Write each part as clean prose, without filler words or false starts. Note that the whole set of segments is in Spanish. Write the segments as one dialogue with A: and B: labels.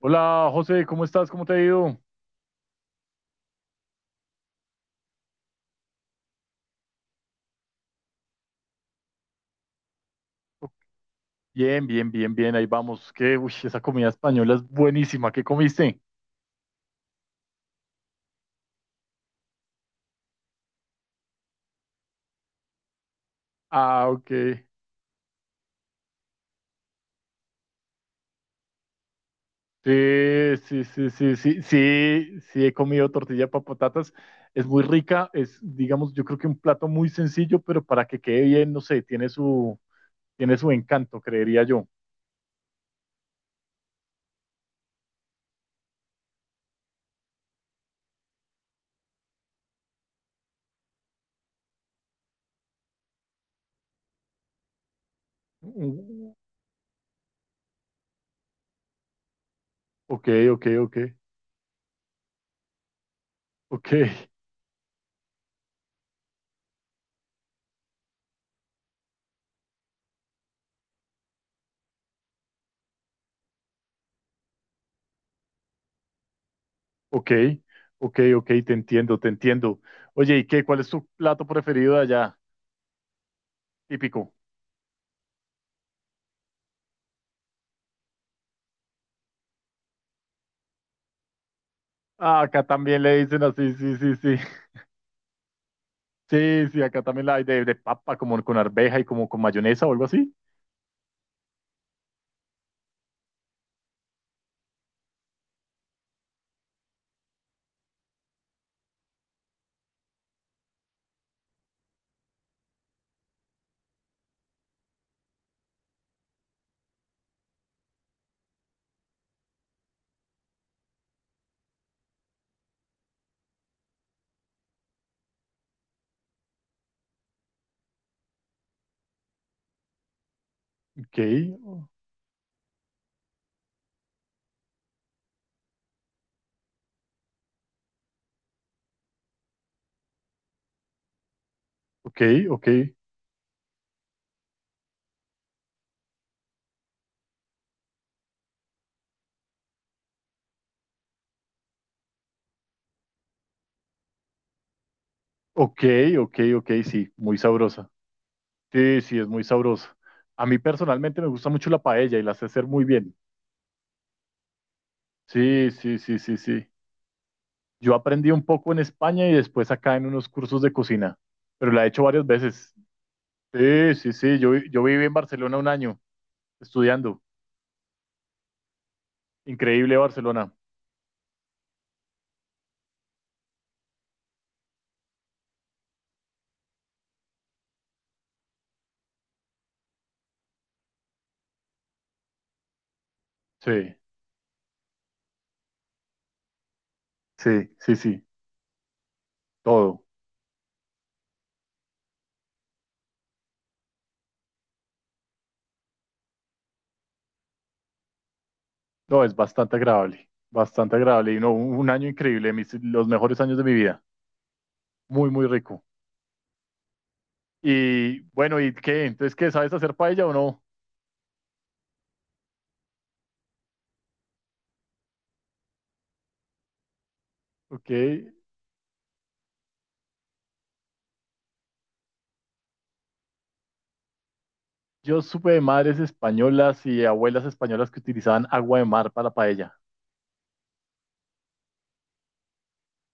A: Hola José, ¿cómo estás? ¿Cómo te ha ido? Bien, bien, bien, bien, ahí vamos. Que, uy, esa comida española es buenísima. ¿Qué comiste? Ah, ok. Sí, sí, sí, sí, sí, sí, sí, he comido tortilla para patatas. Es muy rica, es, digamos, yo creo que un plato muy sencillo, pero para que quede bien, no sé, tiene su encanto, creería yo. Mm. Ok, ok, ok, ok, ok, ok, ok, te entiendo, te entiendo. Oye, ¿y qué? ¿Cuál es tu plato preferido de allá? Típico. Ah, acá también le dicen así, sí, sí, sí. Sí, sí, acá también la hay de papa, como con arveja y como con mayonesa o algo así. Ok, ok, ok, ok, ok, ok, sí, muy sabrosa. Sí, sí, es muy sabrosa. A mí personalmente me gusta mucho la paella y la sé hacer muy bien. Sí, sí, sí, sí, sí. Yo aprendí un poco en España y después acá en unos cursos de cocina, pero la he hecho varias veces. Sí, sí, sí, yo viví en Barcelona un año estudiando. Increíble Barcelona. Sí, sí, sí, sí. Todo. No, es bastante agradable. Bastante agradable. Y no, un año increíble, los mejores años de mi vida. Muy, muy rico. Y bueno, ¿y qué? Entonces, ¿qué? ¿Sabes hacer paella o no? Ok. Yo supe de madres españolas y abuelas españolas que utilizaban agua de mar para paella.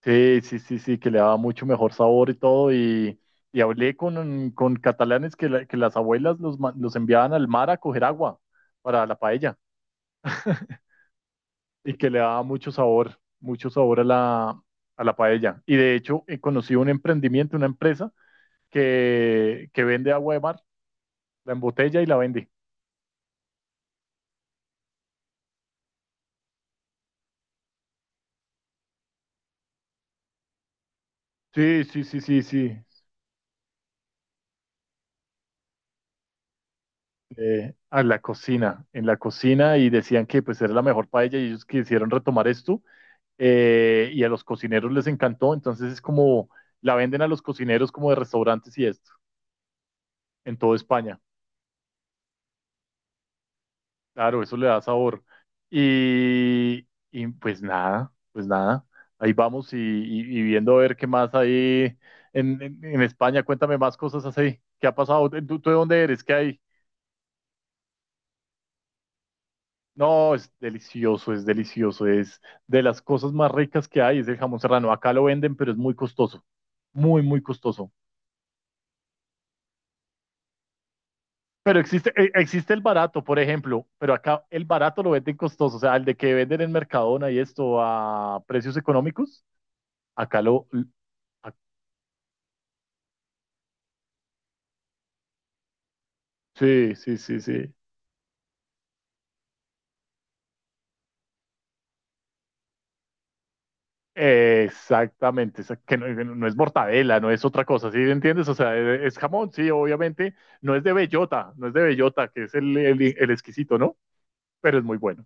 A: Sí, sí, sí, sí, que le daba mucho mejor sabor y todo. Y hablé con catalanes que las abuelas los enviaban al mar a coger agua para la paella. Y que le daba mucho sabor a la paella. Y de hecho, he conocido un emprendimiento, una empresa que vende agua de mar, la embotella y la vende. Sí, sí, sí, sí, sí. A la cocina, en la cocina y decían que pues era la mejor paella y ellos quisieron retomar esto, y a los cocineros les encantó, entonces es como la venden a los cocineros como de restaurantes y esto, en toda España. Claro, eso le da sabor. Y pues nada, pues nada. Ahí vamos y viendo a ver qué más hay en España. Cuéntame más cosas así. ¿Qué ha pasado? ¿Tú de dónde eres? ¿Qué hay? No, es delicioso, es delicioso. Es de las cosas más ricas que hay, es el jamón serrano. Acá lo venden, pero es muy costoso. Muy, muy costoso. Pero existe el barato, por ejemplo, pero acá el barato lo venden costoso. O sea, el de que venden en Mercadona y esto a precios económicos. Acá lo, Ah, sí, sí, sí, sí. Exactamente, que no, no no es mortadela, no es otra cosa, ¿sí entiendes? O sea, es jamón, sí, obviamente, no es de bellota, no es de bellota, que es el exquisito, ¿no? Pero es muy bueno.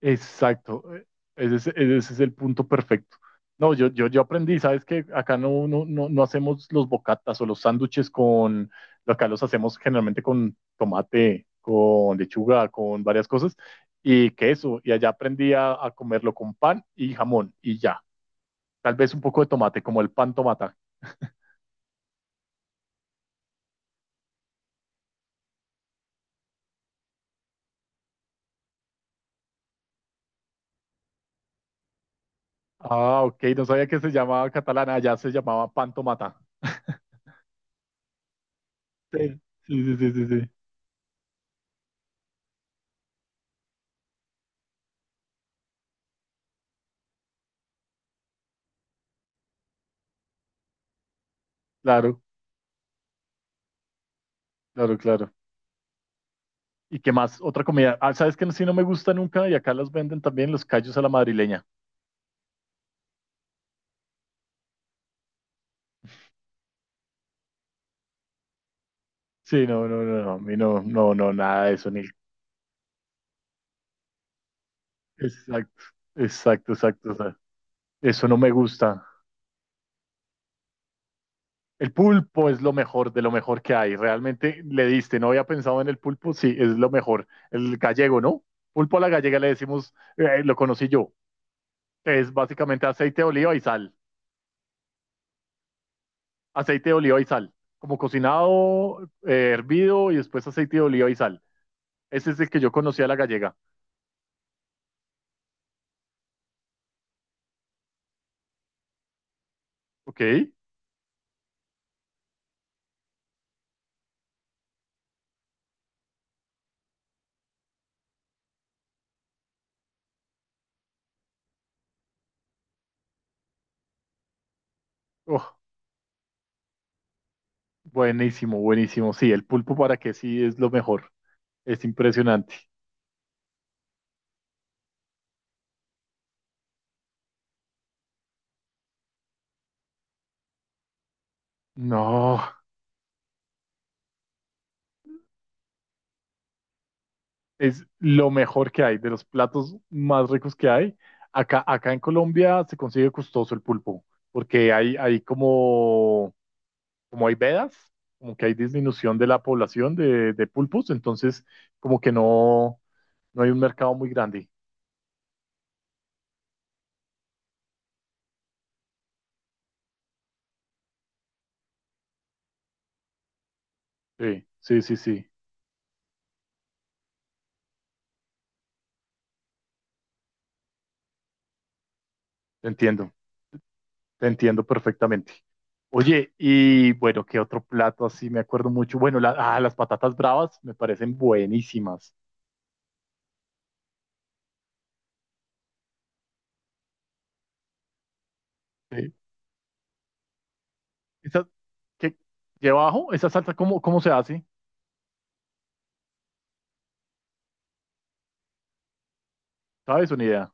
A: Exacto, ese es el punto perfecto. No, yo aprendí, sabes que acá no, no, no, no hacemos los bocatas o los sándwiches con, acá los hacemos generalmente con tomate, con lechuga, con varias cosas y queso. Y allá aprendí a comerlo con pan y jamón y ya. Tal vez un poco de tomate, como el pan tomata. Ah, ok, no sabía que se llamaba catalana, allá se llamaba pan tomata. Sí, sí, sí, sí, sí, sí. Claro, claro, claro. ¿Y qué más? Otra comida. Ah, ¿sabes que sí no me gusta nunca? Y acá las venden también los callos a la madrileña. Sí, no, no, no, no. A mí no, no, no, nada de eso, ni. Exacto, exacto, exacto. O sea, eso no me gusta. El pulpo es lo mejor de lo mejor que hay. Realmente le diste, no había pensado en el pulpo, sí, es lo mejor. El gallego, ¿no? Pulpo a la gallega le decimos, lo conocí yo. Es básicamente aceite de oliva y sal. Aceite de oliva y sal. Como cocinado, hervido y después aceite de oliva y sal. Ese es el que yo conocí a la gallega. Ok. Oh, buenísimo, buenísimo. Sí, el pulpo para que sí es lo mejor. Es impresionante. No, es lo mejor que hay, de los platos más ricos que hay. Acá en Colombia se consigue costoso el pulpo, porque hay como, hay vedas, como que hay disminución de la población de pulpos, entonces como que no hay un mercado muy grande. Sí, sí, sí, sí, te entiendo. Te entiendo perfectamente. Oye, y bueno, ¿qué otro plato así? Me acuerdo mucho. Bueno, las patatas bravas me parecen buenísimas. Sí. Esa, ¿qué lleva abajo? ¿Esa salsa cómo se hace? ¿Sabes? Una idea.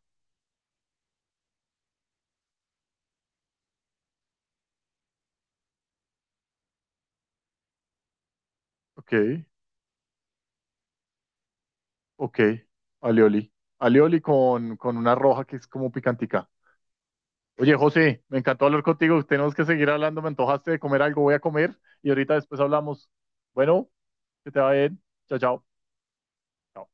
A: Ok, ok. Alioli. Alioli con una roja que es como picantica. Oye, José, me encantó hablar contigo. Tenemos que seguir hablando. Me antojaste de comer algo. Voy a comer y ahorita después hablamos. Bueno, que te vaya bien. Chao, chao. Chao.